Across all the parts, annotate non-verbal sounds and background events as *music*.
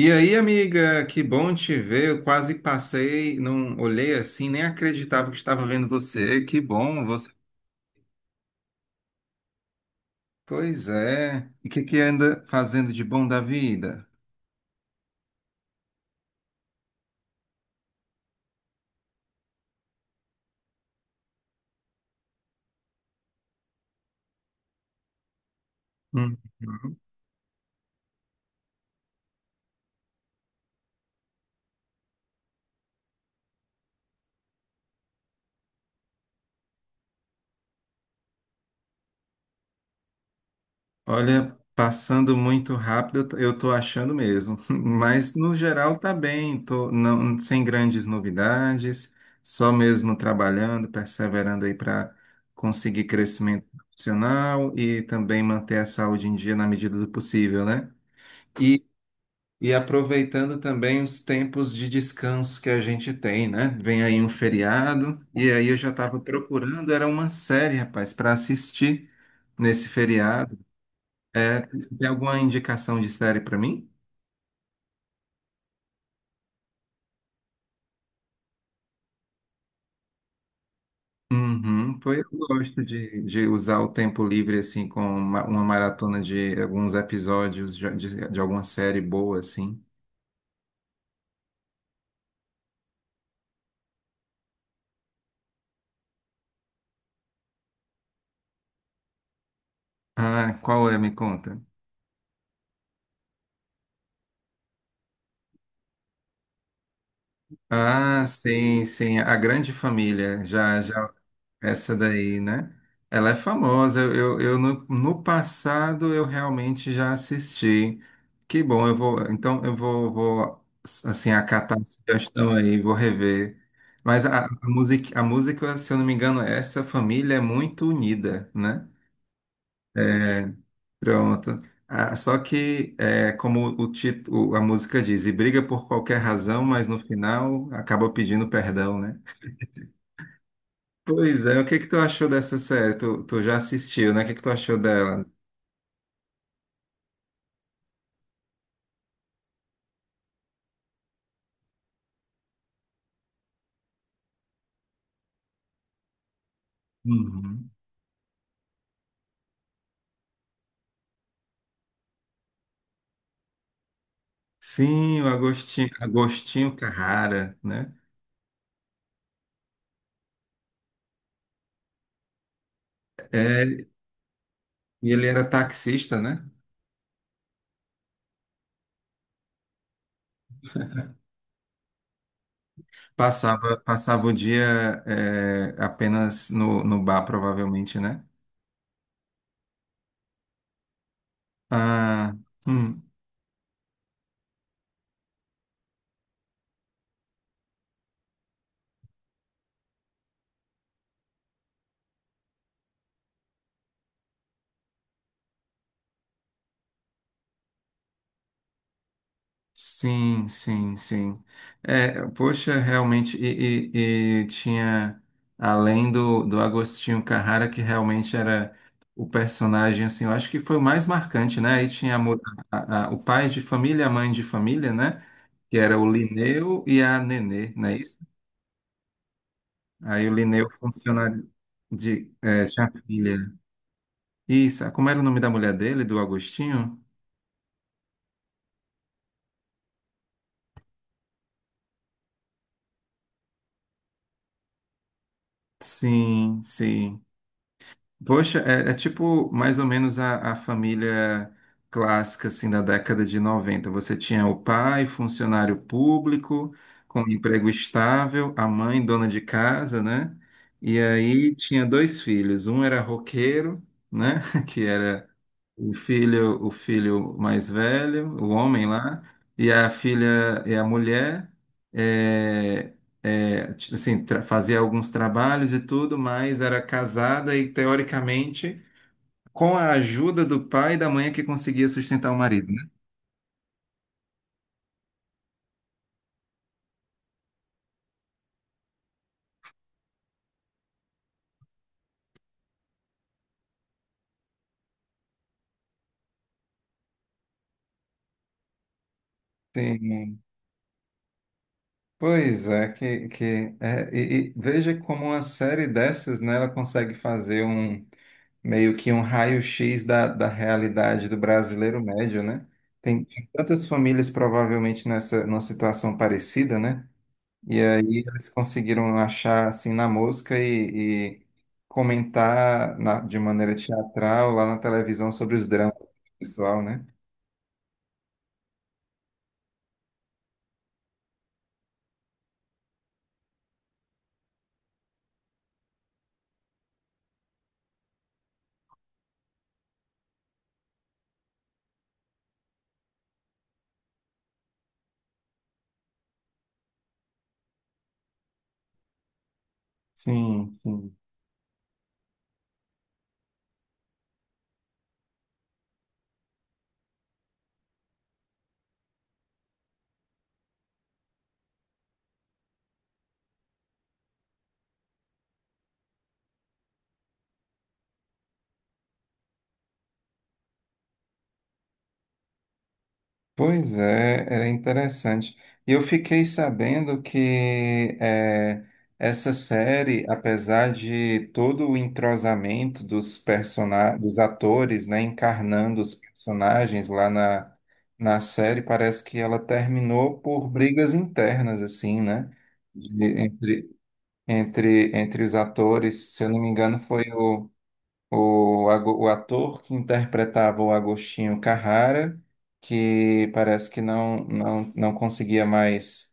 E aí, amiga, que bom te ver. Eu quase passei, não olhei assim, nem acreditava que estava vendo você. Que bom você. Pois é. E o que que anda fazendo de bom da vida? Hum. Olha, passando muito rápido, eu tô achando mesmo. *laughs* Mas no geral tá bem, tô não, sem grandes novidades, só mesmo trabalhando, perseverando aí para conseguir crescimento profissional e também manter a saúde em dia na medida do possível, né? E aproveitando também os tempos de descanso que a gente tem, né? Vem aí um feriado, e aí eu já estava procurando, era uma série, rapaz, para assistir nesse feriado. É, você tem alguma indicação de série para mim? Uhum, foi, eu gosto de usar o tempo livre, assim, com uma maratona de alguns episódios de alguma série boa, assim. Ah, qual é? Me conta. Ah, sim, sim, A Grande Família. Já, já essa daí, né? Ela é famosa. Eu no passado eu realmente já assisti. Que bom, eu vou. Então eu vou, vou assim, acatar a sugestão aí, vou rever. Mas a música, se eu não me engano, essa família é muito unida, né? É, pronto. Ah, só que, é, como o título, a música diz, e briga por qualquer razão, mas no final acaba pedindo perdão, né? Pois é, o que que tu achou dessa série? Tu já assistiu, né? O que que tu achou dela? Uhum. Sim, o Agostinho, Agostinho Carrara, né? É. E ele era taxista, né? Passava, passava o dia é, apenas no bar, provavelmente, né? Ah, hum. Sim, sim, sim. É, poxa, realmente, e, e tinha, além do Agostinho Carrara, que realmente era o personagem, assim, eu acho que foi o mais marcante, né? Aí tinha a o pai de família, a mãe de família, né? Que era o Lineu e a Nenê, não é isso? Aí o Lineu, funcionário de, é, tinha filha. Isso, como era o nome da mulher dele, do Agostinho? Sim, sim. Poxa, é, é tipo mais ou menos a família clássica assim da década de noventa. Você tinha o pai, funcionário público, com emprego estável, a mãe, dona de casa, né? E aí tinha dois filhos. Um era roqueiro, né? *laughs* Que era o filho mais velho, o homem lá, e a filha e a mulher é, fazia alguns trabalhos e tudo, mas era casada e teoricamente com a ajuda do pai e da mãe é que conseguia sustentar o marido, né? Sim. Pois é, que é, e veja como uma série dessas, né, ela consegue fazer um meio que um raio-x da realidade do brasileiro médio, né? Tem tantas famílias provavelmente nessa numa situação parecida, né? E aí eles conseguiram achar assim na mosca e comentar na- de maneira teatral lá na televisão sobre os dramas do pessoal, né? Sim, sim. Pois é, era interessante. E eu fiquei sabendo que eh, essa série, apesar de todo o entrosamento dos persona dos atores, né, encarnando os personagens lá na, na série, parece que ela terminou por brigas internas, assim, né? De- entre, entre os atores, se eu não me engano, foi o o ator que interpretava o Agostinho Carrara, que parece que não conseguia mais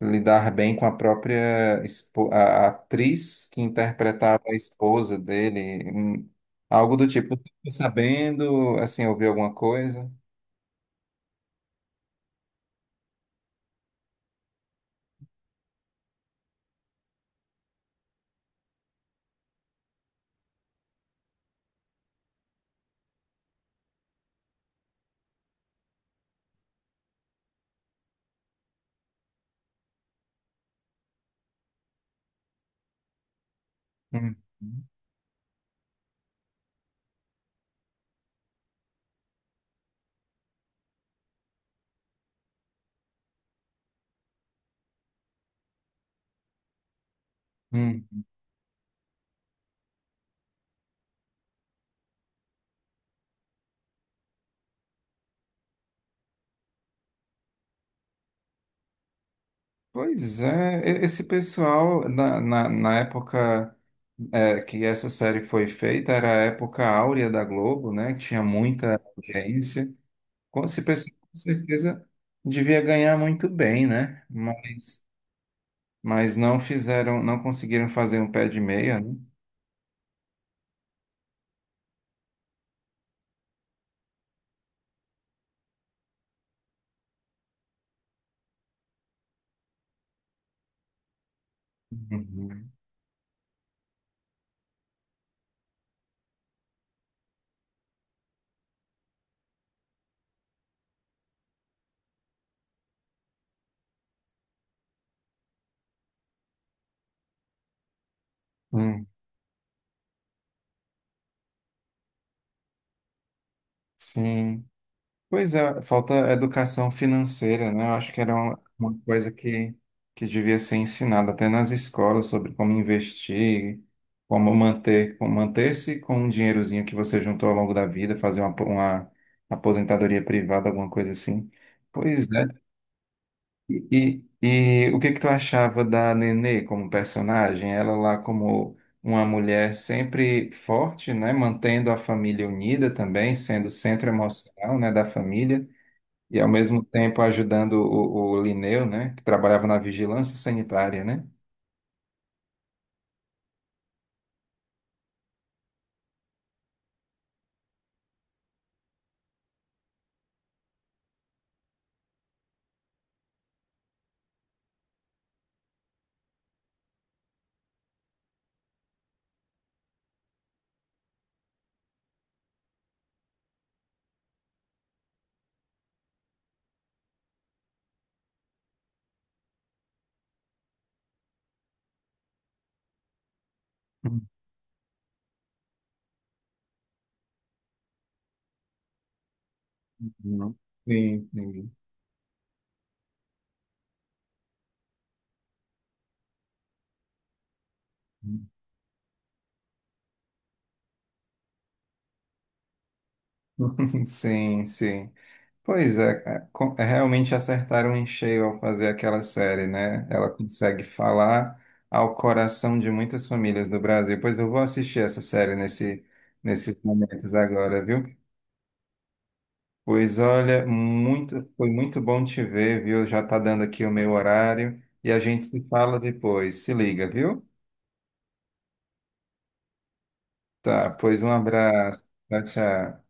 lidar bem com a própria a atriz que interpretava a esposa dele, algo do tipo. Tô sabendo, assim, ouvi alguma coisa? Hum, hum. Hum. Pois é, e- esse pessoal, na época é, que essa série foi feita, era a época áurea da Globo, né? Tinha muita audiência. Com esse pessoal, com certeza, devia ganhar muito bem, né? Mas não fizeram, não conseguiram fazer um pé de meia, né? Uhum. Hum, sim. Pois é, falta educação financeira, né? Eu acho que era uma coisa que devia ser ensinada até nas escolas sobre como investir, como manter, como manter-se com um dinheirozinho que você juntou ao longo da vida, fazer uma aposentadoria privada, alguma coisa assim. Pois é. E, o que que tu achava da Nenê como personagem? Ela lá como uma mulher sempre forte, né? Mantendo a família unida também, sendo o centro emocional, né, da família e ao mesmo tempo ajudando o Linneu, né, que trabalhava na vigilância sanitária, né? Uhum. Sim, entendi. *laughs* Sim, sim. Pois é, é, co- é, realmente acertaram em cheio ao fazer aquela série, né? Ela consegue falar ao coração de muitas famílias do Brasil. Pois eu vou assistir essa série nesse, nesses momentos agora, viu? Pois olha, muito, foi muito bom te ver, viu? Já tá dando aqui o meu horário e a gente se fala depois. Se liga, viu? Tá, pois um abraço. Tchau, tchau.